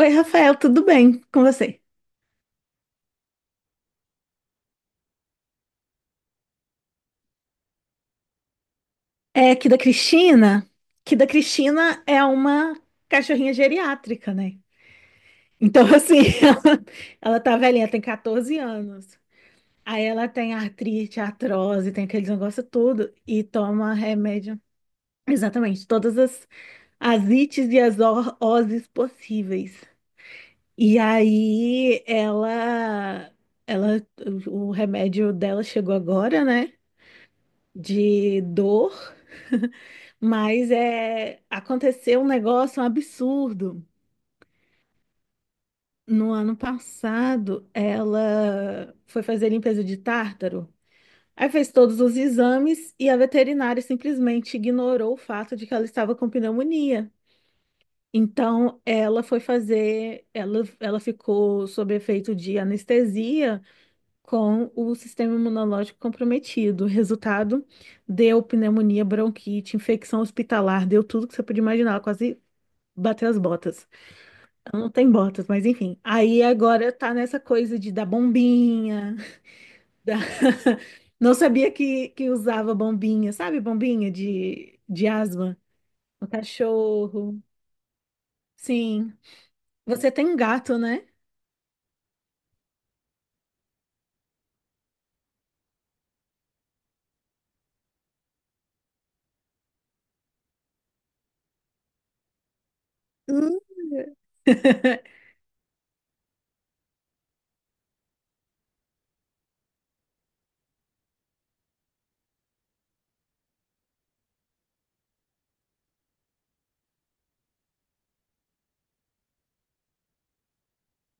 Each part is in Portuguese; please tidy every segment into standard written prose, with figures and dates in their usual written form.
Oi, Rafael, tudo bem com você? É aqui da Cristina, que da Cristina é uma cachorrinha geriátrica, né? Então, assim, ela tá velhinha, tem 14 anos. Aí ela tem artrite, artrose, tem aqueles negócios tudo, e toma remédio, exatamente, as ites e as oses possíveis. E aí ela, o remédio dela chegou agora, né? De dor, mas aconteceu um negócio um absurdo. No ano passado, ela foi fazer limpeza de tártaro. Aí fez todos os exames e a veterinária simplesmente ignorou o fato de que ela estava com pneumonia. Então, ela foi fazer, ela ficou sob efeito de anestesia com o sistema imunológico comprometido. O resultado, deu pneumonia, bronquite, infecção hospitalar, deu tudo que você podia imaginar, ela quase bateu as botas. Ela não tem botas, mas enfim. Aí agora tá nessa coisa de dar bombinha, da- não sabia que usava bombinha, sabe? Bombinha de asma. O cachorro. Sim. Você tem um gato, né? Hum.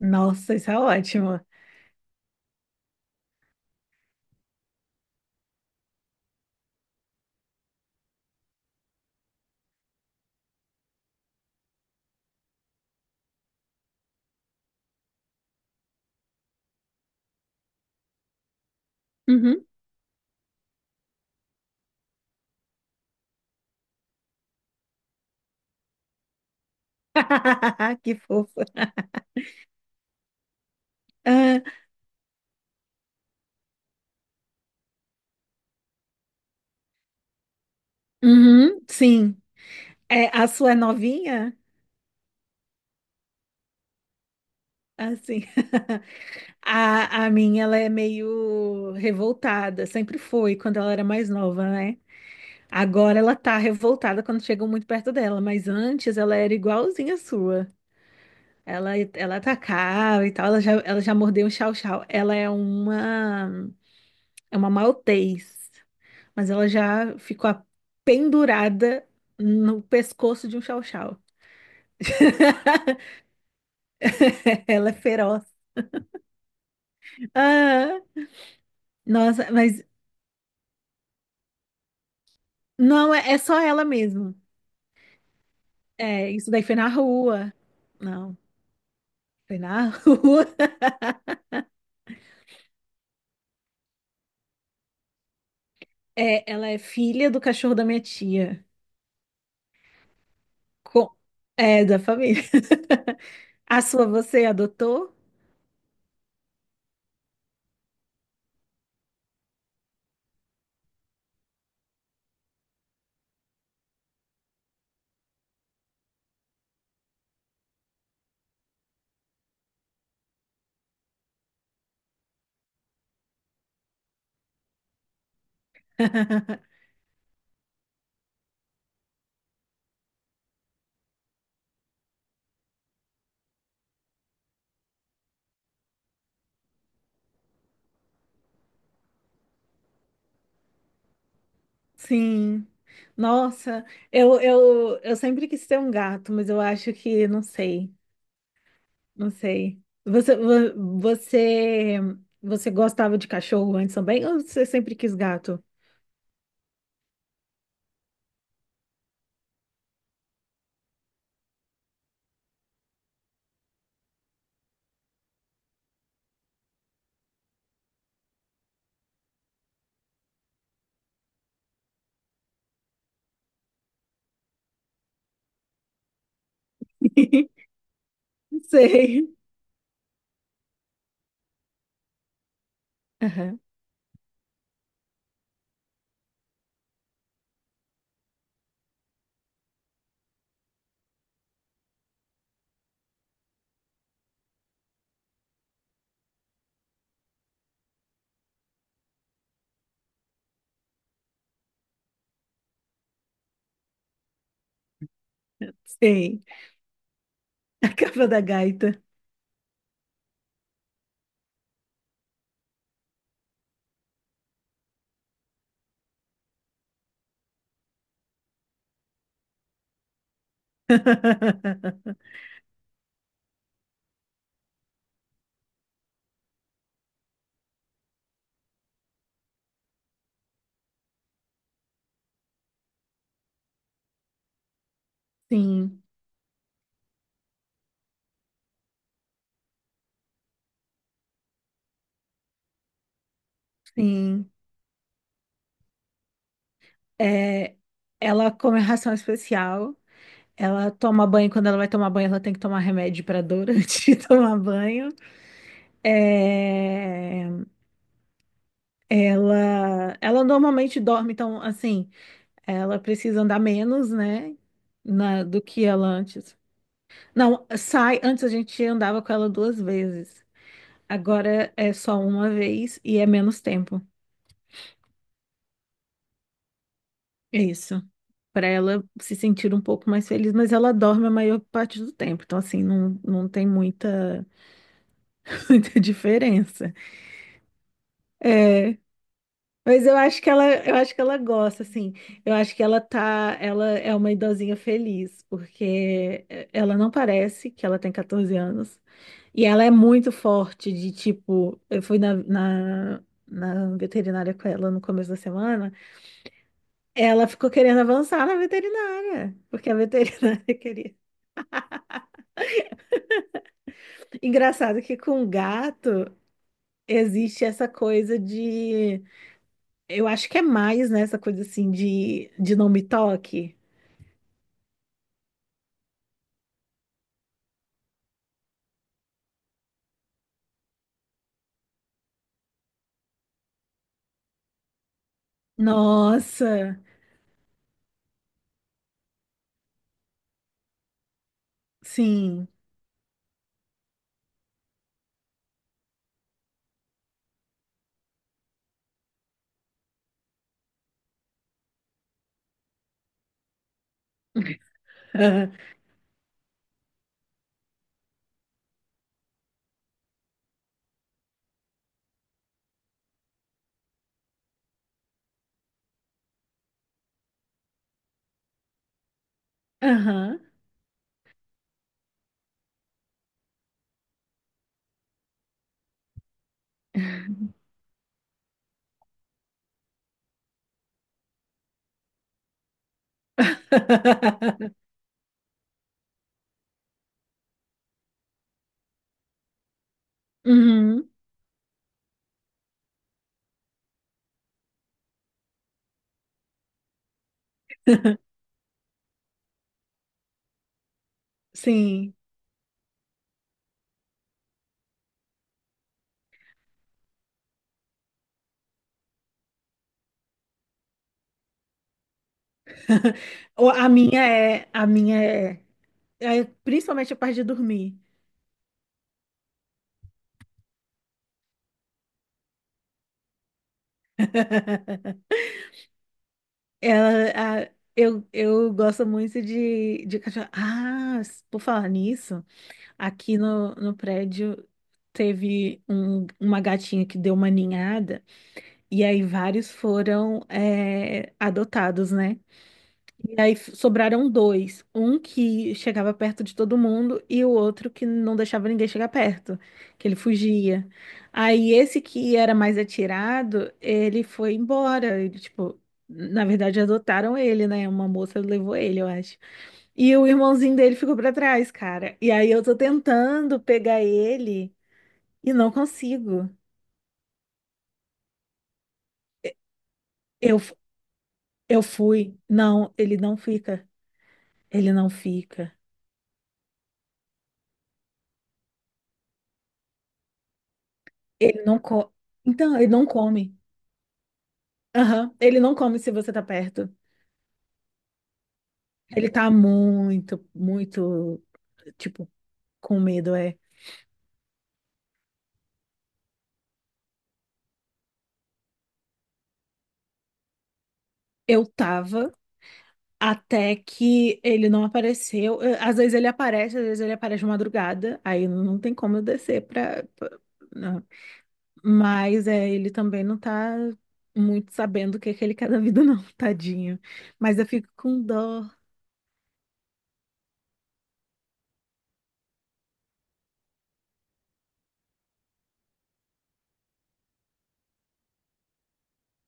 Nossa, isso é ótimo. Uhum. Que fofa. Uhum, sim. É, a sua é novinha? Assim. A minha, ela é meio revoltada. Sempre foi quando ela era mais nova, né? Agora ela tá revoltada quando chegam muito perto dela, mas antes ela era igualzinha à sua. Ela atacava e tal, ela já mordeu um chau-chau. É uma maltês, mas ela já ficou pendurada no pescoço de um chau-chau. Ela é feroz. Ah, nossa, mas não, é, é só ela mesmo. É, isso daí foi na rua. Não, foi na rua. É, ela é filha do cachorro da minha tia. Com... É, da família. A sua você adotou? Sim. Nossa, eu sempre quis ter um gato, mas eu acho que não sei, não sei. Você gostava de cachorro antes também, ou você sempre quis gato? Não sei. Aham. Sei. A capa da gaita. Sim, sim. É, ela come ração especial. Ela toma banho. Quando ela vai tomar banho, ela tem que tomar remédio para dor antes de tomar banho. É, ela normalmente dorme, então, assim, ela precisa andar menos, né? Do que ela antes. Não, sai, antes a gente andava com ela duas vezes. Agora é só uma vez e é menos tempo. É isso. Para ela se sentir um pouco mais feliz, mas ela dorme a maior parte do tempo. Então, assim, não, não tem muita, muita diferença. É, mas eu acho que ela, eu acho que ela gosta, assim. Eu acho que ela tá, ela é uma idosinha feliz, porque ela não parece que ela tem 14 anos. E ela é muito forte de tipo, eu fui na veterinária com ela no começo da semana. Ela ficou querendo avançar na veterinária, porque a veterinária queria. Engraçado que com gato existe essa coisa de, eu acho que é mais, né, essa coisa assim de não me toque. Nossa, sim. Aham. Uhum, sim. A minha é, é principalmente a parte de dormir. Eu gosto muito de cachorro. Ah, por falar nisso, aqui no, no prédio teve uma gatinha que deu uma ninhada, e aí vários foram é, adotados, né? E aí sobraram dois. Um que chegava perto de todo mundo e o outro que não deixava ninguém chegar perto, que ele fugia. Aí esse que era mais atirado, ele foi embora. Ele, tipo, na verdade adotaram ele, né? Uma moça levou ele, eu acho. E o irmãozinho dele ficou pra trás, cara. E aí eu tô tentando pegar ele e não consigo. Eu, f- eu fui. Não, ele não fica. Ele não fica. Ele não co... Então, ele não come. Aham. Ele não come se você tá perto. Ele tá muito, tipo, com medo, é. Eu tava até que ele não apareceu. Às vezes ele aparece, às vezes ele aparece de madrugada. Aí não tem como eu descer pra... não. Mas é, ele também não tá muito sabendo o que que ele quer da vida, não, tadinho. Mas eu fico com dó.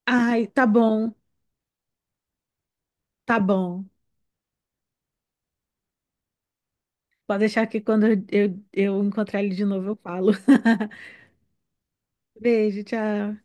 Ai, tá bom, tá bom. Pode deixar que quando eu encontrar ele de novo eu falo. Beijo, tchau.